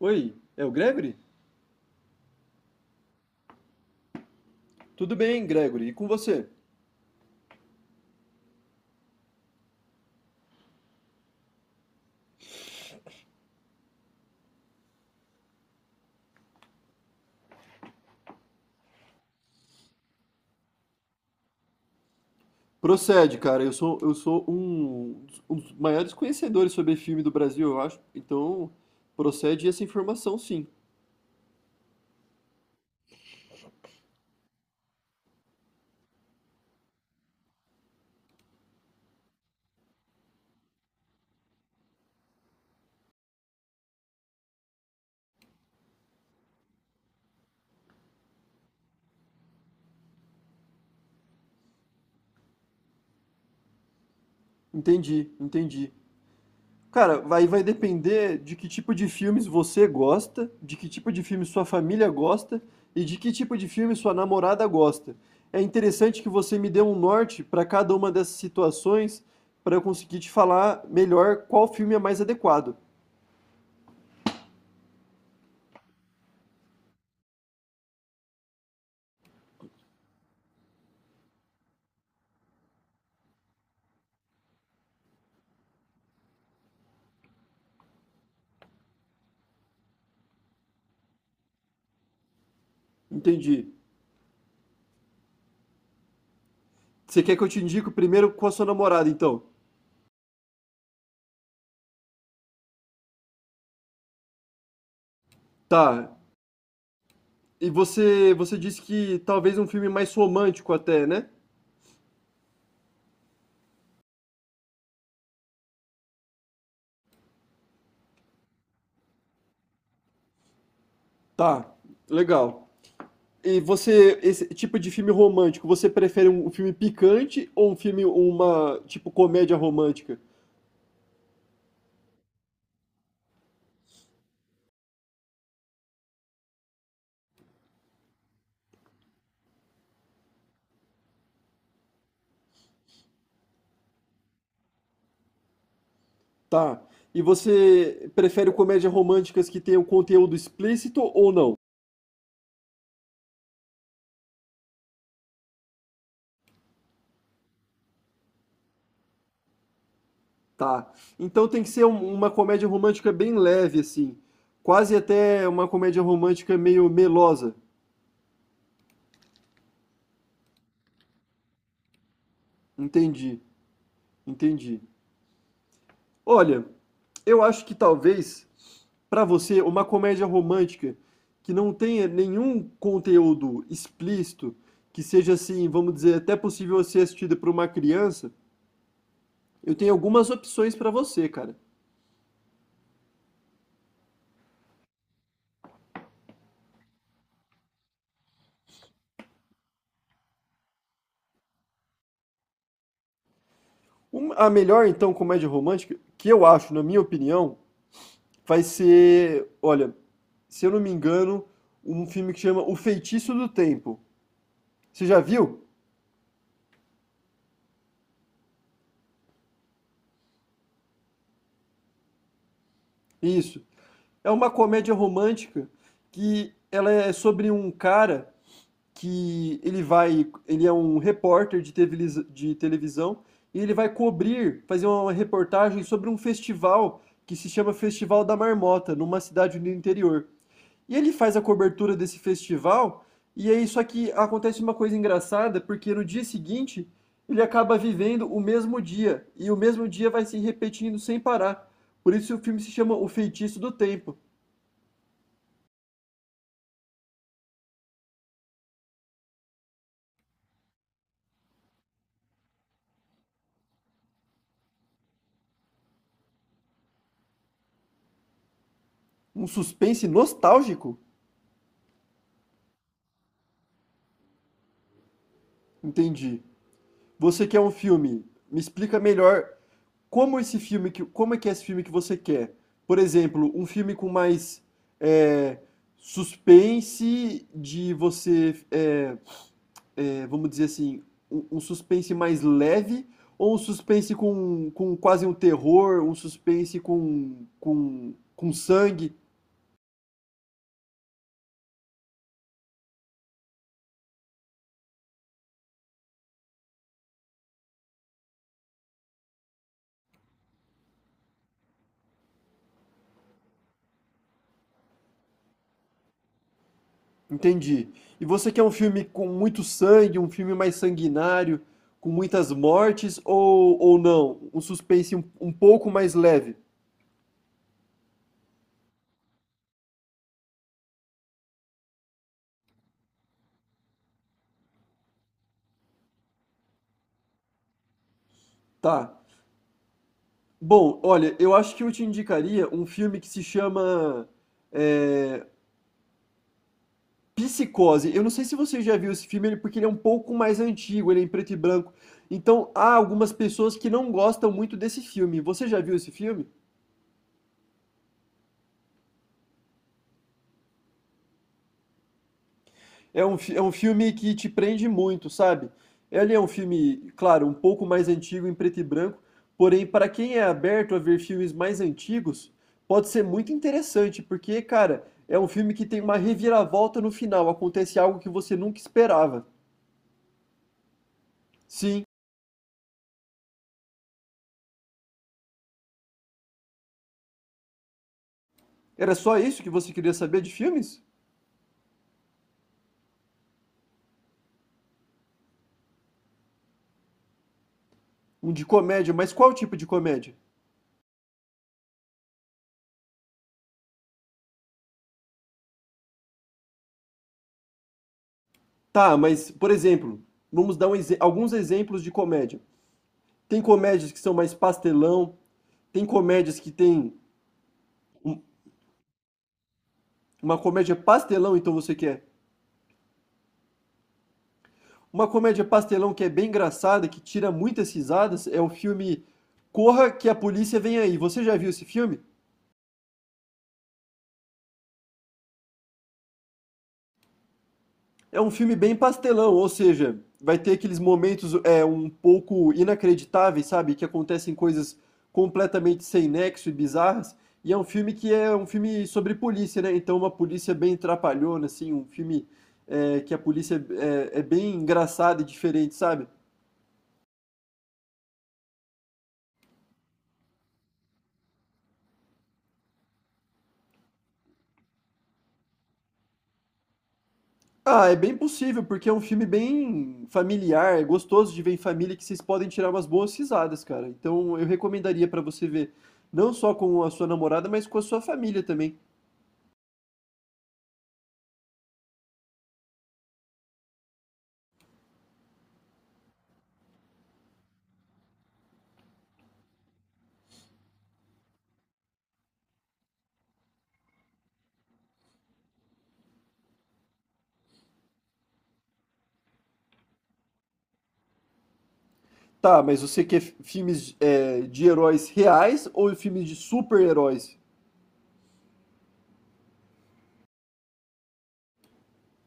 Oi, é o Gregory? Tudo bem, Gregory, e com você? Procede, cara, eu sou um, um dos maiores conhecedores sobre filme do Brasil, eu acho. Então, procede essa informação, sim. Entendi, entendi. Cara, vai depender de que tipo de filmes você gosta, de que tipo de filme sua família gosta e de que tipo de filme sua namorada gosta. É interessante que você me dê um norte para cada uma dessas situações para eu conseguir te falar melhor qual filme é mais adequado. Entendi. Você quer que eu te indique o primeiro com a sua namorada, então? Tá. E você disse que talvez um filme mais romântico até, né? Tá. Legal. E você, esse tipo de filme romântico, você prefere um filme picante ou um filme, uma, tipo, comédia romântica? Tá. E você prefere comédias românticas que tenham conteúdo explícito ou não? Tá. Então tem que ser uma comédia romântica bem leve, assim. Quase até uma comédia romântica meio melosa. Entendi. Entendi. Olha, eu acho que talvez para você uma comédia romântica que não tenha nenhum conteúdo explícito, que seja assim, vamos dizer, até possível ser assistida por uma criança, eu tenho algumas opções para você, cara. Uma- a melhor então comédia romântica, que eu acho, na minha opinião, vai ser, olha, se eu não me engano, um filme que chama O Feitiço do Tempo. Você já viu? Isso. É uma comédia romântica que ela é sobre um cara que ele vai, ele é um repórter de de televisão e ele vai cobrir, fazer uma reportagem sobre um festival que se chama Festival da Marmota, numa cidade do interior. E ele faz a cobertura desse festival e aí só que acontece uma coisa engraçada, porque no dia seguinte ele acaba vivendo o mesmo dia e o mesmo dia vai se repetindo sem parar. Por isso o filme se chama O Feitiço do Tempo. Um suspense nostálgico? Entendi. Você quer um filme? Me explica melhor como esse filme que, como é que é esse filme que você quer? Por exemplo, um filme com mais é, suspense de você, é, é, vamos dizer assim, um suspense mais leve ou um suspense com quase um terror, um suspense com sangue? Entendi. E você quer um filme com muito sangue, um filme mais sanguinário, com muitas mortes, ou não? Um suspense um, um pouco mais leve. Tá. Bom, olha, eu acho que eu te indicaria um filme que se chama é, Psicose. Eu não sei se você já viu esse filme, porque ele é um pouco mais antigo, ele é em preto e branco. Então, há algumas pessoas que não gostam muito desse filme. Você já viu esse filme? É um, é um filme que te prende muito, sabe? Ele é um filme, claro, um pouco mais antigo em preto e branco, porém, para quem é aberto a ver filmes mais antigos, pode ser muito interessante, porque, cara, é um filme que tem uma reviravolta no final, acontece algo que você nunca esperava. Sim, era só isso que você queria saber de filmes? Um de comédia, mas qual tipo de comédia? Tá, mas, por exemplo, vamos dar alguns exemplos de comédia. Tem comédias que são mais pastelão, tem comédias que têm um- Uma comédia pastelão, então você quer? Uma comédia pastelão que é bem engraçada, que tira muitas risadas, é o filme Corra que a Polícia Vem Aí. Você já viu esse filme? É um filme bem pastelão, ou seja, vai ter aqueles momentos é um pouco inacreditáveis, sabe? Que acontecem coisas completamente sem nexo e bizarras. E é um filme que é um filme sobre polícia, né? Então uma polícia bem trapalhona, assim, um filme é, que a polícia é bem engraçada e diferente, sabe? Ah, é bem possível, porque é um filme bem familiar, é gostoso de ver em família que vocês podem tirar umas boas risadas, cara. Então eu recomendaria pra você ver, não só com a sua namorada, mas com a sua família também. Tá, mas você quer filmes é, de heróis reais ou filmes de super-heróis?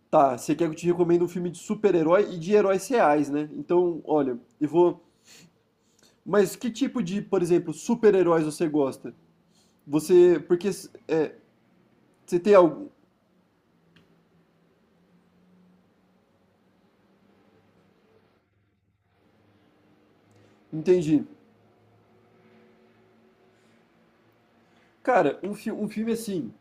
Tá, você quer que eu te recomende um filme de super-herói e de heróis reais, né? Então, olha, eu vou. Mas que tipo de, por exemplo, super-heróis você gosta? Você. Porque. É, você tem algum. Entendi. Cara, um, um filme assim,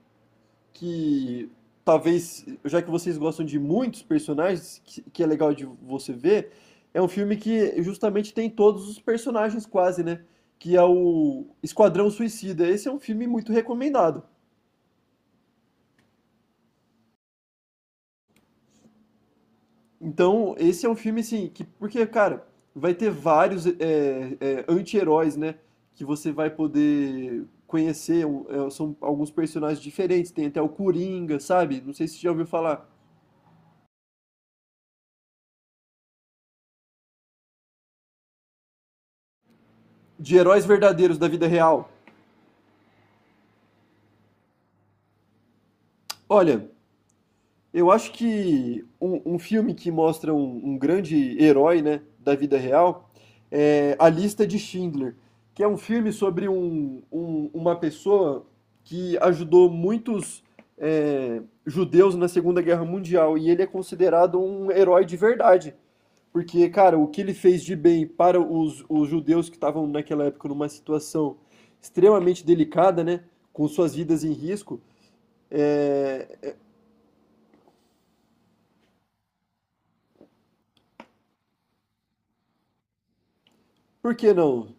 que talvez, já que vocês gostam de muitos personagens, que é legal de você ver, é um filme que justamente tem todos os personagens quase, né? Que é o Esquadrão Suicida. Esse é um filme muito recomendado. Então, esse é um filme assim, que, porque, cara, vai ter vários é, é, anti-heróis, né? Que você vai poder conhecer. Um, é, são alguns personagens diferentes. Tem até o Coringa, sabe? Não sei se você já ouviu falar. De heróis verdadeiros da vida real. Olha, eu acho que um filme que mostra um, um grande herói, né, da vida real é A Lista de Schindler, que é um filme sobre um, uma pessoa que ajudou muitos é, judeus na Segunda Guerra Mundial e ele é considerado um herói de verdade. Porque, cara, o que ele fez de bem para os judeus que estavam naquela época numa situação extremamente delicada, né? Com suas vidas em risco, é, por que não?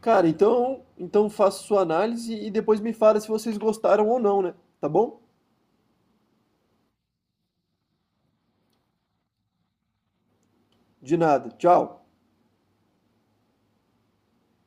Cara, então, então faça sua análise e depois me fala se vocês gostaram ou não, né? Tá bom? De nada. Tchau.